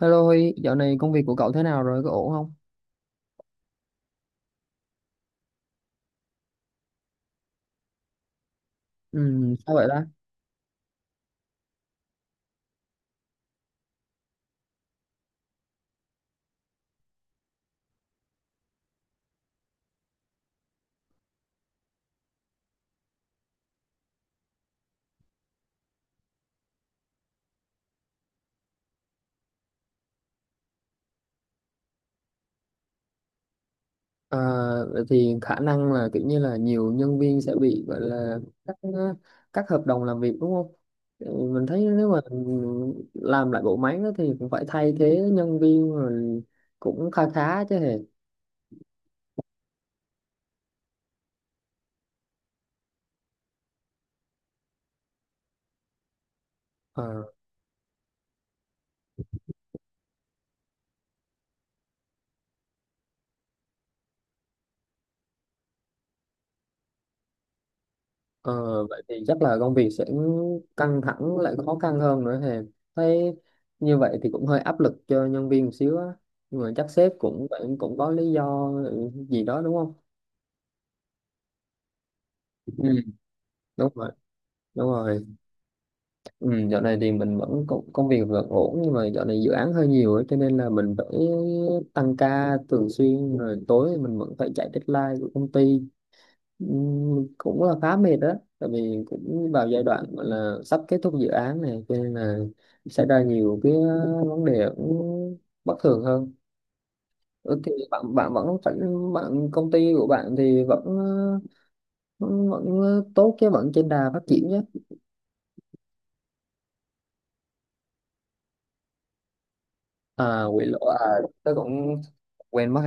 Hello Huy, dạo này công việc của cậu thế nào rồi? Có ổn không? Ừ, sao vậy đó? À, vậy thì khả năng là kiểu như là nhiều nhân viên sẽ bị gọi là cắt cắt hợp đồng làm việc đúng không? Ừ, mình thấy nếu mà làm lại bộ máy đó thì cũng phải thay thế nhân viên rồi cũng khá khá chứ hề. Ờ, ờ, vậy thì chắc là công việc sẽ căng thẳng lại khó khăn hơn nữa thì thấy như vậy thì cũng hơi áp lực cho nhân viên một xíu á, nhưng mà chắc sếp cũng cũng cũng có lý do gì đó đúng không? Ừ. Đúng rồi, đúng rồi. Ừ, dạo này thì mình vẫn công việc vẫn ổn, nhưng mà dạo này dự án hơi nhiều ấy, cho nên là mình phải tăng ca thường xuyên, rồi tối mình vẫn phải chạy deadline của công ty. Cũng là khá mệt đó, tại vì cũng vào giai đoạn gọi là sắp kết thúc dự án này, cho nên là xảy ra nhiều cái vấn đề cũng bất thường hơn. Ừ, thì bạn bạn vẫn phải bạn công ty của bạn thì vẫn vẫn tốt chứ, vẫn trên đà phát triển chứ? À, quỷ lỗ à, tôi cũng quên mất.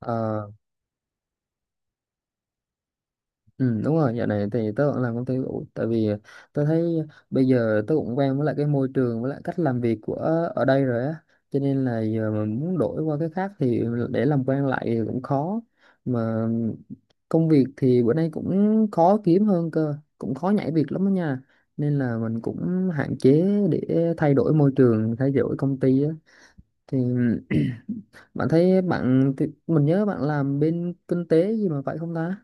À, ừ, đúng rồi, dạo này thì tớ vẫn làm công ty cũ, tại vì tớ thấy bây giờ tớ cũng quen với lại cái môi trường với lại cách làm việc của ở đây rồi á, cho nên là giờ mà muốn đổi qua cái khác thì để làm quen lại thì cũng khó, mà công việc thì bữa nay cũng khó kiếm hơn cơ, cũng khó nhảy việc lắm đó nha, nên là mình cũng hạn chế để thay đổi môi trường, thay đổi công ty á. Thì bạn thấy bạn mình nhớ bạn làm bên kinh tế gì mà phải không ta?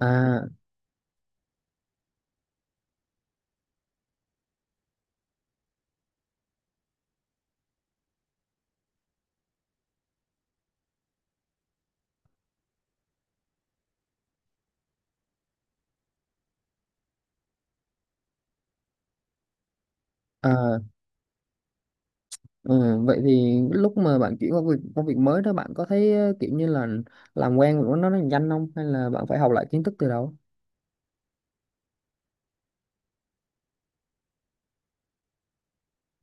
À, à, ừ, vậy thì lúc mà bạn chuyển qua việc công việc mới đó bạn có thấy kiểu như là làm quen với nó nhanh không, hay là bạn phải học lại kiến thức từ đầu?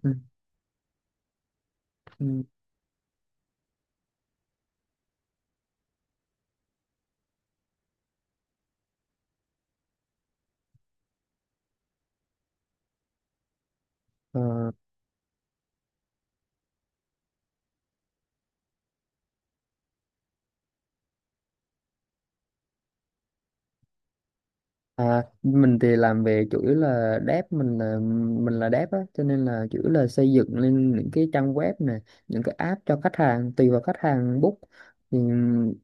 Ừ. Ừ. Ờ, à, mình thì làm về chủ yếu là dev, mình là dev á, cho nên là chủ yếu là xây dựng lên những cái trang web này, những cái app cho khách hàng, tùy vào khách hàng book. Thì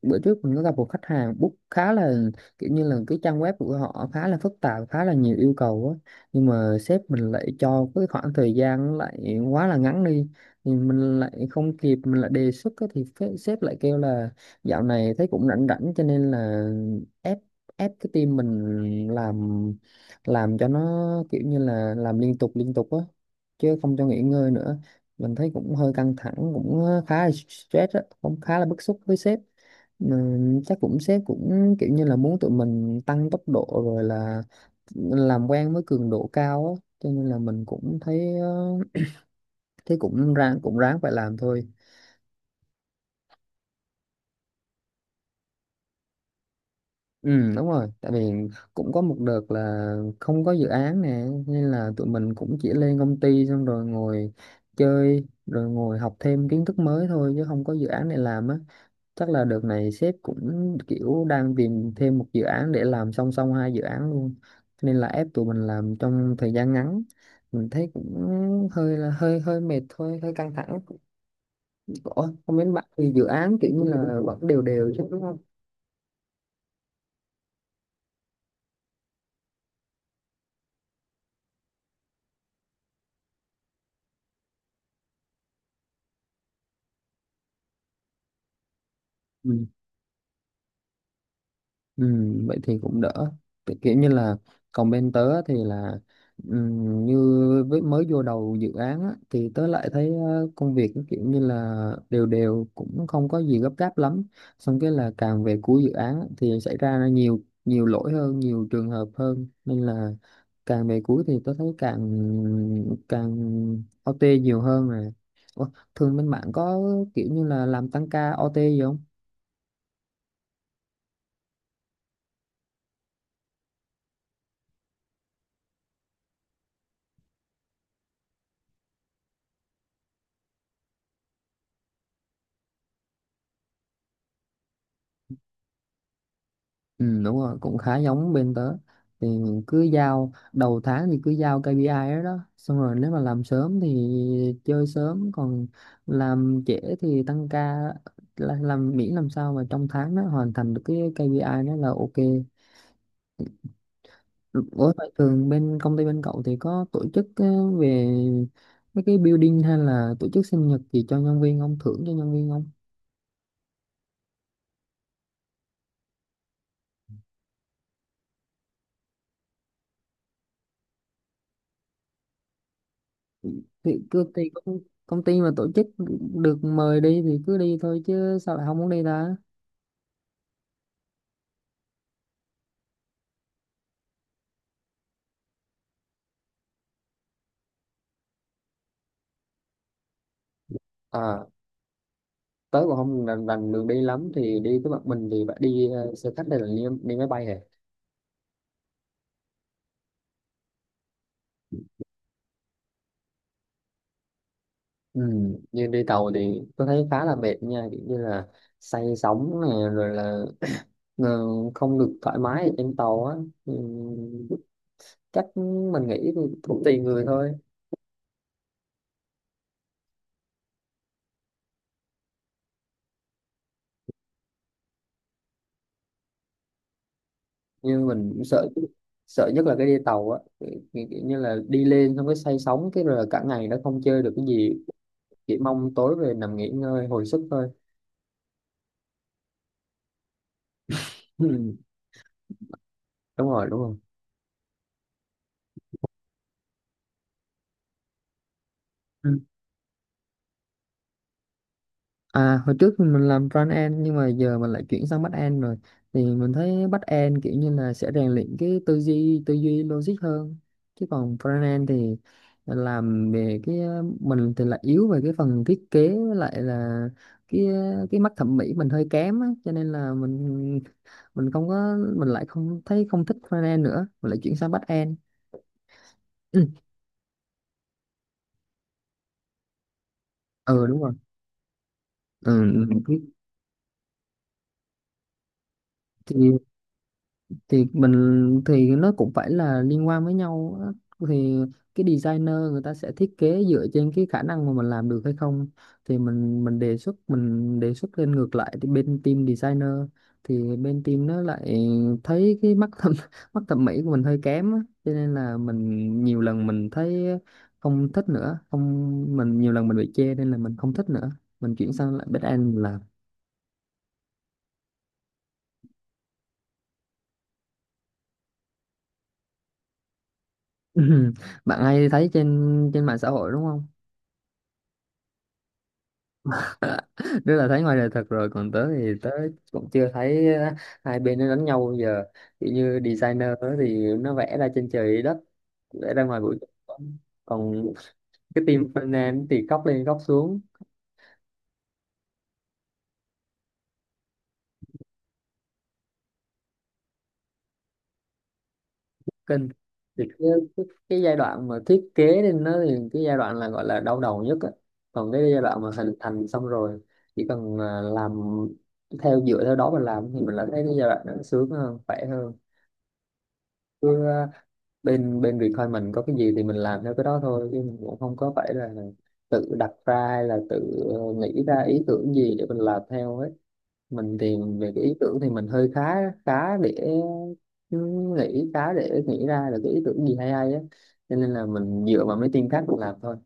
bữa trước mình có gặp một khách hàng book khá là kiểu như là cái trang web của họ khá là phức tạp, khá là nhiều yêu cầu á, nhưng mà sếp mình lại cho cái khoảng thời gian nó lại quá là ngắn đi, thì mình lại không kịp, mình lại đề xuất á, thì sếp lại kêu là dạo này thấy cũng rảnh rảnh, cho nên là ép ép cái tim mình làm cho nó kiểu như là làm liên tục á, chứ không cho nghỉ ngơi nữa. Mình thấy cũng hơi căng thẳng, cũng khá là stress á, cũng khá là bức xúc với sếp, mà chắc cũng sếp cũng kiểu như là muốn tụi mình tăng tốc độ rồi là làm quen với cường độ cao á, cho nên là mình cũng thấy thấy cũng ráng, cũng ráng phải làm thôi. Ừ, đúng rồi, tại vì cũng có một đợt là không có dự án nè, nên là tụi mình cũng chỉ lên công ty xong rồi ngồi chơi, rồi ngồi học thêm kiến thức mới thôi chứ không có dự án để làm á. Chắc là đợt này sếp cũng kiểu đang tìm thêm một dự án để làm song song hai dự án luôn. Nên là ép tụi mình làm trong thời gian ngắn. Mình thấy cũng hơi mệt thôi, hơi căng thẳng. Ủa, không biết bạn thì dự án kiểu như là vẫn đều đều chứ đúng không? Ừ, vậy thì cũng đỡ. Kiểu như là còn bên tớ thì là như với mới vô đầu dự án á, thì tớ lại thấy công việc nó kiểu như là đều đều, cũng không có gì gấp gáp lắm, xong cái là càng về cuối dự án á, thì xảy ra nhiều nhiều lỗi hơn, nhiều trường hợp hơn, nên là càng về cuối thì tớ thấy càng càng OT nhiều hơn rồi. Ủa, thường bên bạn có kiểu như là làm tăng ca OT gì không? Ừ, đúng rồi, cũng khá giống bên tớ. Thì mình cứ giao đầu tháng thì cứ giao KPI đó, đó xong rồi nếu mà làm sớm thì chơi sớm, còn làm trễ thì tăng ca, là làm miễn làm sao mà trong tháng nó hoàn thành được cái KPI đó là ok. Ủa phải, thường bên công ty bên cậu thì có tổ chức về mấy cái building hay là tổ chức sinh nhật gì cho nhân viên không, thưởng cho nhân viên không? Thì công ty mà tổ chức được mời đi thì cứ đi thôi, chứ sao lại không muốn đi ta? À, tớ cũng không rành đường đi lắm, thì đi với bạn mình thì bạn đi xe khách hay là đi máy bay hả? Ừ. Nhưng đi tàu thì tôi thấy khá là mệt nha, kiểu như là say sóng này rồi là ờ, không được thoải mái ở trên tàu á. Ừ. Chắc mình nghĩ thì cũng tùy người thôi, nhưng mình cũng sợ, sợ nhất là cái đi tàu á, kiểu, kiểu kiểu như là đi lên xong cái say sóng cái rồi là cả ngày nó không chơi được cái gì, chỉ mong tối về nằm nghỉ ngơi hồi sức thôi. Ừ. Đúng rồi, đúng rồi. À, hồi trước thì mình làm front end, nhưng mà giờ mình lại chuyển sang back end rồi. Thì mình thấy back end kiểu như là sẽ rèn luyện cái tư duy logic hơn, chứ còn front end thì làm về cái mình thì lại yếu về cái phần thiết kế với lại là cái cái mắt thẩm mỹ mình hơi kém á, cho nên là mình không có mình lại không thấy không thích front end nữa, mình lại chuyển sang back end. Ừ, ừ đúng rồi. Ừ, ừ. Thì mình thì nó cũng phải là liên quan với nhau á. Thì cái designer người ta sẽ thiết kế dựa trên cái khả năng mà mình làm được hay không, thì mình đề xuất, mình đề xuất lên ngược lại thì bên team designer, thì bên team nó lại thấy cái mắt thẩm mắt thẩm mỹ của mình hơi kém á. Cho nên là mình nhiều lần mình thấy không thích nữa, không mình nhiều lần mình bị chê nên là mình không thích nữa, mình chuyển sang lại back end làm. Bạn hay thấy trên trên mạng xã hội đúng không? Nếu là thấy ngoài đời thật rồi, còn tớ thì tớ cũng chưa thấy hai bên nó đánh nhau bao giờ. Kiểu như designer đó thì nó vẽ ra trên trời dưới đất, vẽ ra ngoài vũ trụ, còn cái team finance thì cóc lên cóc xuống. Kinh. Thì cái giai đoạn mà thiết kế lên nó thì cái giai đoạn là gọi là đau đầu nhất á. Còn cái giai đoạn mà hình thành xong rồi chỉ cần làm theo, dựa theo đó mà làm thì mình lại thấy cái giai đoạn nó sướng hơn, khỏe hơn. Bên bên Bitcoin mình có cái gì thì mình làm theo cái đó thôi, chứ mình cũng không có phải là tự đặt ra hay là tự nghĩ ra ý tưởng gì để mình làm theo ấy. Mình thì về cái ý tưởng thì mình hơi khá, khá để khá để nghĩ ra được cái ý tưởng gì hay hay á, cho nên là mình dựa vào mấy team khác mình làm thôi.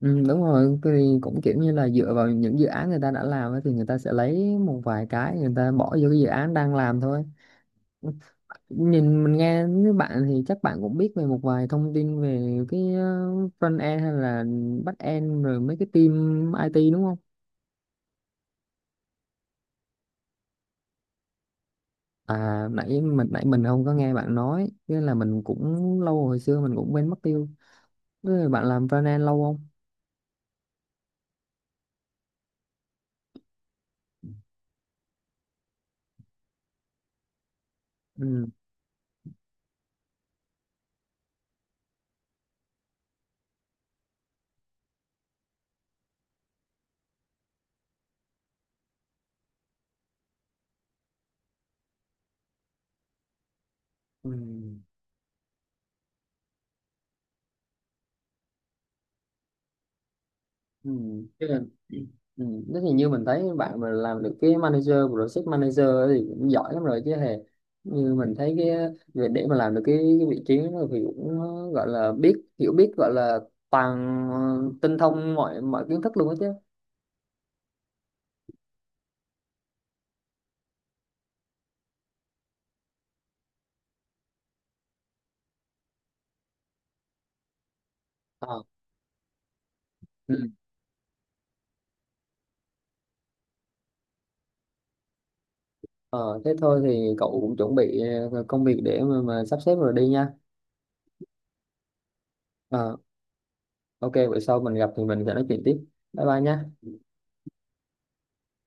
Ừ, đúng rồi, cái thì cũng kiểu như là dựa vào những dự án người ta đã làm ấy, thì người ta sẽ lấy một vài cái người ta bỏ vô cái dự án đang làm thôi. Nhìn mình nghe với bạn thì chắc bạn cũng biết về một vài thông tin về cái front end hay là back end rồi mấy cái team IT đúng không? À nãy mình không có nghe bạn nói, nên là mình cũng lâu hồi xưa mình cũng quên mất tiêu. Thế bạn làm front end lâu không? Ừ. Ừ. Ừ. Tức là, ừ. Thế thì như mình thấy bạn mà làm được cái manager, project manager ấy thì cũng giỏi lắm rồi chứ hề. Như mình thấy cái việc để mà làm được cái vị trí đó thì cũng gọi là biết hiểu biết gọi là toàn ờ, tinh thông mọi mọi kiến thức luôn á chứ. Ờ. Ừ. Ờ, thế thôi thì cậu cũng chuẩn bị công việc để mà sắp xếp rồi đi nha. Ờ, ok, bữa sau mình gặp thì mình sẽ nói chuyện tiếp. Bye bye nha.